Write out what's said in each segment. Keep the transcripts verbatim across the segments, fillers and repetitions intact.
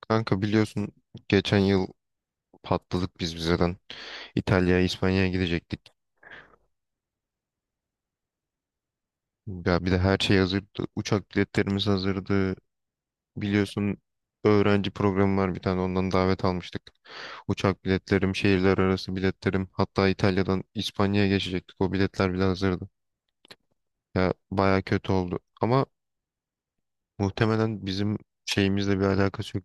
Kanka biliyorsun geçen yıl patladık biz vizeden. İtalya'ya, İspanya'ya gidecektik. Ya bir de her şey hazırdı. Uçak biletlerimiz hazırdı. Biliyorsun, öğrenci programı var, bir tane ondan davet almıştık. Uçak biletlerim, şehirler arası biletlerim. Hatta İtalya'dan İspanya'ya geçecektik. O biletler bile hazırdı. Ya baya kötü oldu. Ama muhtemelen bizim şeyimizle bir alakası yok.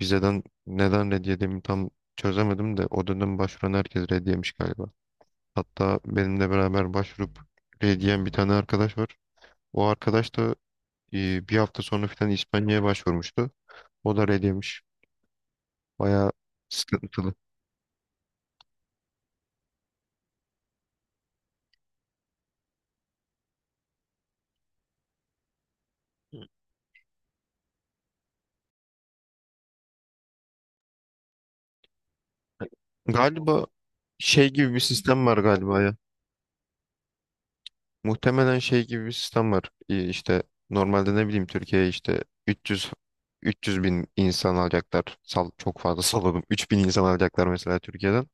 Vizeden neden red yediğimi tam çözemedim de o dönem başvuran herkes red yemiş galiba. Hatta benimle beraber başvurup R diyen bir tane arkadaş var. O arkadaş da e, bir hafta sonra falan İspanya'ya başvurmuştu. O da R demiş. Bayağı sıkıntılı. Galiba şey gibi bir sistem var galiba ya. Muhtemelen şey gibi bir sistem var. Ee, işte normalde ne bileyim, Türkiye'ye işte 300 300 bin insan alacaklar. Sal, çok fazla salladım. Üç bin insan alacaklar mesela Türkiye'den.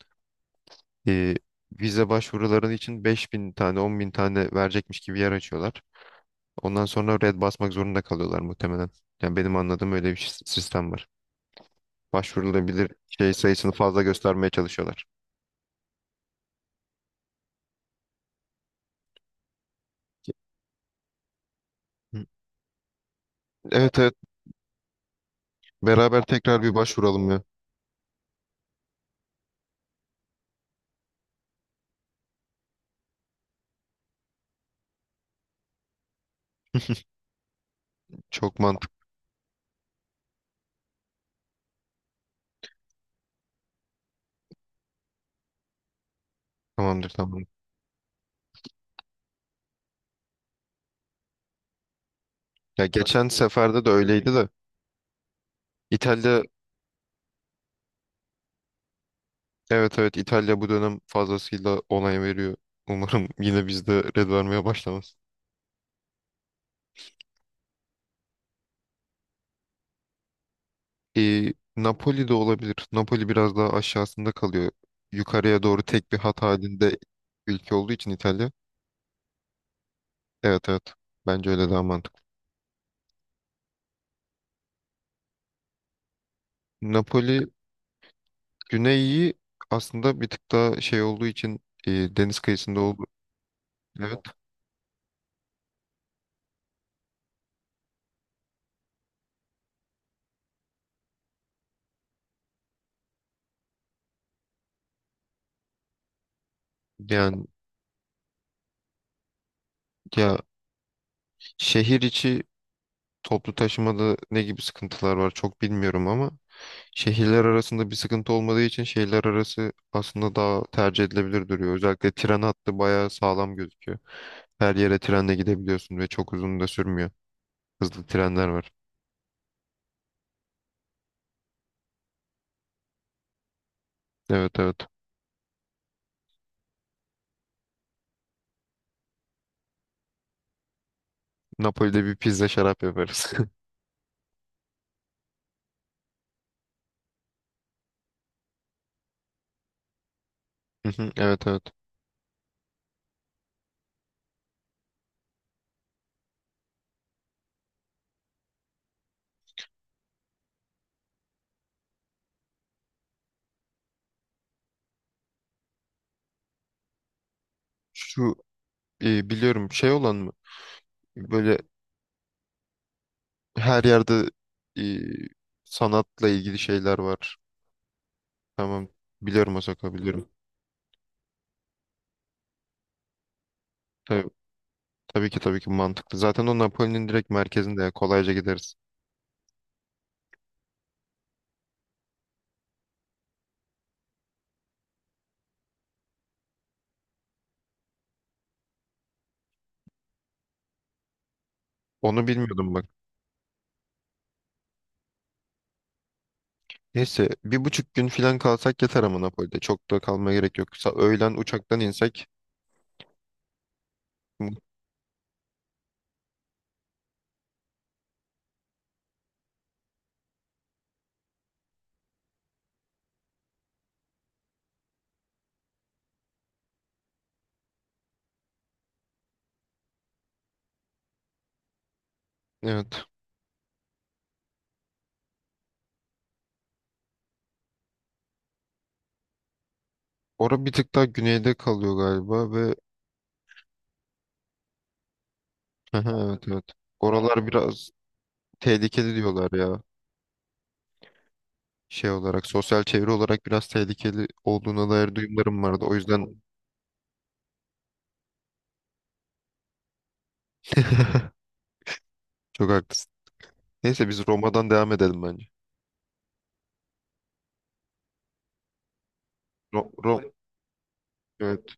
e, Vize başvuruları için beş bin tane, on bin tane verecekmiş gibi yer açıyorlar. Ondan sonra red basmak zorunda kalıyorlar muhtemelen. Yani benim anladığım öyle bir sis- sistem var. Başvurulabilir şey sayısını fazla göstermeye çalışıyorlar. Hı. Evet evet, beraber tekrar bir başvuralım ya. Çok mantıklı. Tamamdır, tamam. Ya geçen seferde de öyleydi de. İtalya. Evet evet, İtalya bu dönem fazlasıyla onay veriyor. Umarım yine bizde red vermeye başlamaz. E, Napoli de olabilir. Napoli biraz daha aşağısında kalıyor. Yukarıya doğru tek bir hat halinde ülke olduğu için İtalya. Evet evet. Bence öyle daha mantıklı. Napoli güneyi aslında bir tık daha şey olduğu için, e, deniz kıyısında olduğu. Evet. Yani ya, şehir içi toplu taşımada ne gibi sıkıntılar var çok bilmiyorum ama şehirler arasında bir sıkıntı olmadığı için şehirler arası aslında daha tercih edilebilir duruyor. Özellikle tren hattı bayağı sağlam gözüküyor. Her yere trenle gidebiliyorsun ve çok uzun da sürmüyor. Hızlı trenler var. Evet evet. Napoli'de bir pizza şarap yaparız. Hı hı, evet evet. Şu e, biliyorum, şey olan mı? Böyle her yerde e, sanatla ilgili şeyler var. Tamam. Biliyorum, o sokağı biliyorum. Tabii, tabii ki tabii ki mantıklı. Zaten o Napoli'nin direkt merkezinde ya, kolayca gideriz. Onu bilmiyordum bak. Neyse, bir buçuk gün falan kalsak yeter ama Napoli'de. Çok da kalmaya gerek yok. Sa- Öğlen uçaktan insek. Mu- Evet. Ora bir tık daha güneyde kalıyor galiba ve aha, evet evet. Oralar biraz tehlikeli diyorlar ya. Şey olarak, sosyal çevre olarak biraz tehlikeli olduğuna dair duyumlarım vardı. O yüzden çok haklısın. Neyse, biz Roma'dan devam edelim bence. Ro Ro- evet.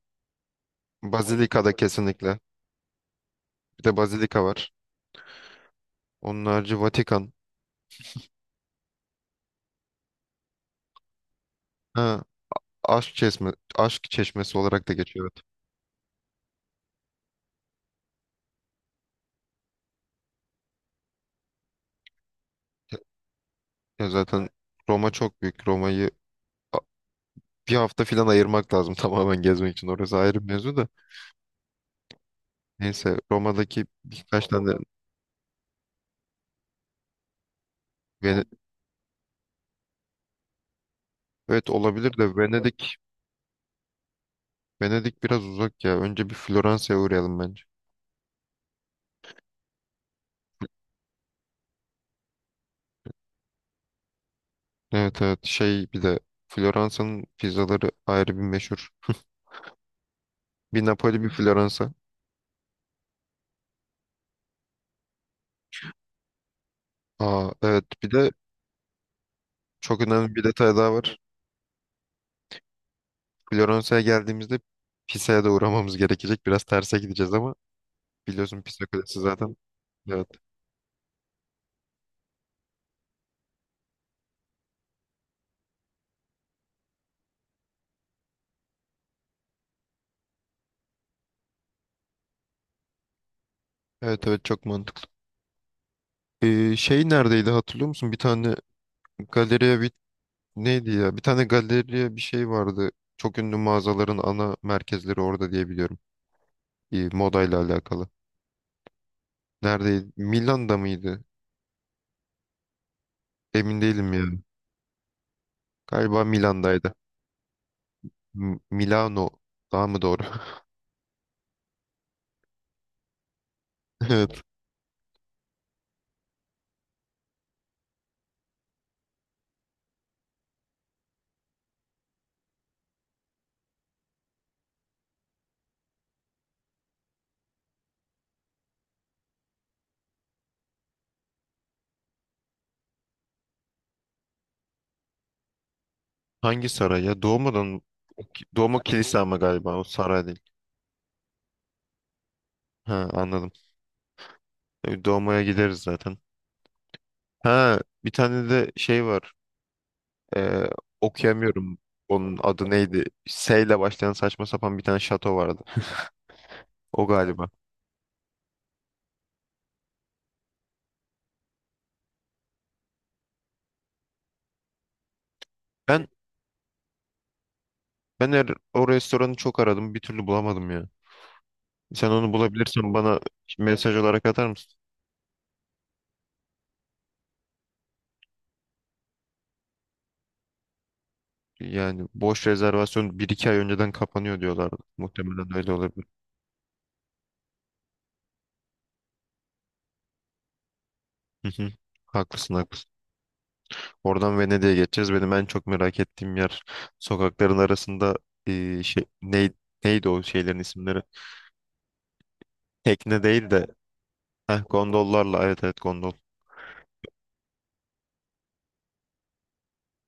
Bazilika'da kesinlikle. Bir de Bazilika var. Onun harici Vatikan. Ha, aşk çeşme, aşk çeşmesi olarak da geçiyor. Ya zaten Roma çok büyük. Roma'yı a- bir hafta falan ayırmak lazım tamamen gezmek için. Orası ayrı bir mevzu da. Neyse, Roma'daki birkaç tane. Vene- evet, olabilir de Venedik. Venedik biraz uzak ya. Önce bir Floransa'ya uğrayalım bence. Evet evet şey, bir de Floransa'nın pizzaları ayrı bir meşhur. Bir Napoli, bir Floransa. Aa evet, bir de çok önemli bir detay daha var. Floransa'ya geldiğimizde Pisa'ya da uğramamız gerekecek. Biraz terse gideceğiz ama biliyorsun, Pisa Kulesi zaten. Evet. Evet evet, çok mantıklı. Ee, şey, neredeydi hatırlıyor musun? Bir tane galeriye bir, neydi ya? Bir tane galeriye bir şey vardı. Çok ünlü mağazaların ana merkezleri orada diye biliyorum. Ee, modayla alakalı. Neredeydi? Milan'da mıydı? Emin değilim ya. Galiba Milan'daydı. M- Milano daha mı doğru? Evet. Hangi saray ya? Doğmadan Doğma kilise ama galiba o saray değil. Ha, anladım. E, Doğmaya gideriz zaten. Ha, bir tane de şey var. Ee, Okuyamıyorum. Onun adı neydi? S ile başlayan saçma sapan bir tane şato vardı. O galiba. Ben ben er- O restoranı çok aradım. Bir türlü bulamadım ya. Sen onu bulabilirsen bana mesaj olarak atar mısın? Yani boş, rezervasyon bir iki ay önceden kapanıyor diyorlardı. Muhtemelen öyle olabilir. Hı hı. Haklısın haklısın. Oradan Venedik'e geçeceğiz. Benim en çok merak ettiğim yer, sokakların arasında ee, şey, ney- neydi o şeylerin isimleri? Tekne değil de. Heh, gondollarla, evet evet, gondol.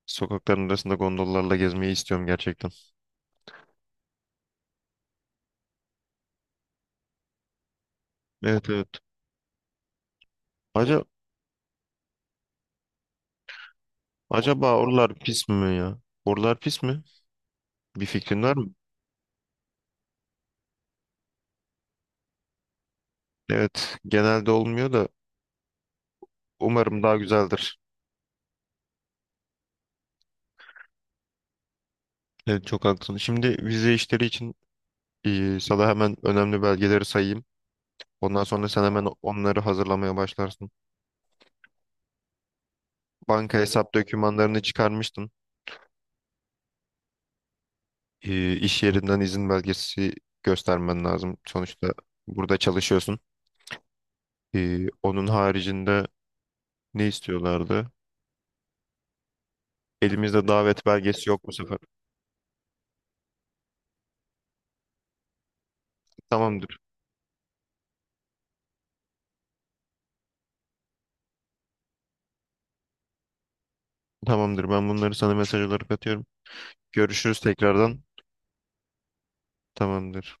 Sokakların arasında gondollarla gezmeyi istiyorum gerçekten. Evet evet. Acaba, Acaba oralar pis mi ya? Oralar pis mi? Bir fikrin var mı? Evet, genelde olmuyor da umarım daha güzeldir. Evet, çok haklısın. Şimdi vize işleri için e, sana hemen önemli belgeleri sayayım. Ondan sonra sen hemen onları hazırlamaya başlarsın. Banka hesap dokümanlarını çıkarmıştın. E, iş yerinden izin belgesi göstermen lazım. Sonuçta burada çalışıyorsun. E, onun haricinde ne istiyorlardı? Elimizde davet belgesi yok bu sefer. Tamamdır. Tamamdır. Ben bunları sana mesaj olarak atıyorum. Görüşürüz tekrardan. Tamamdır.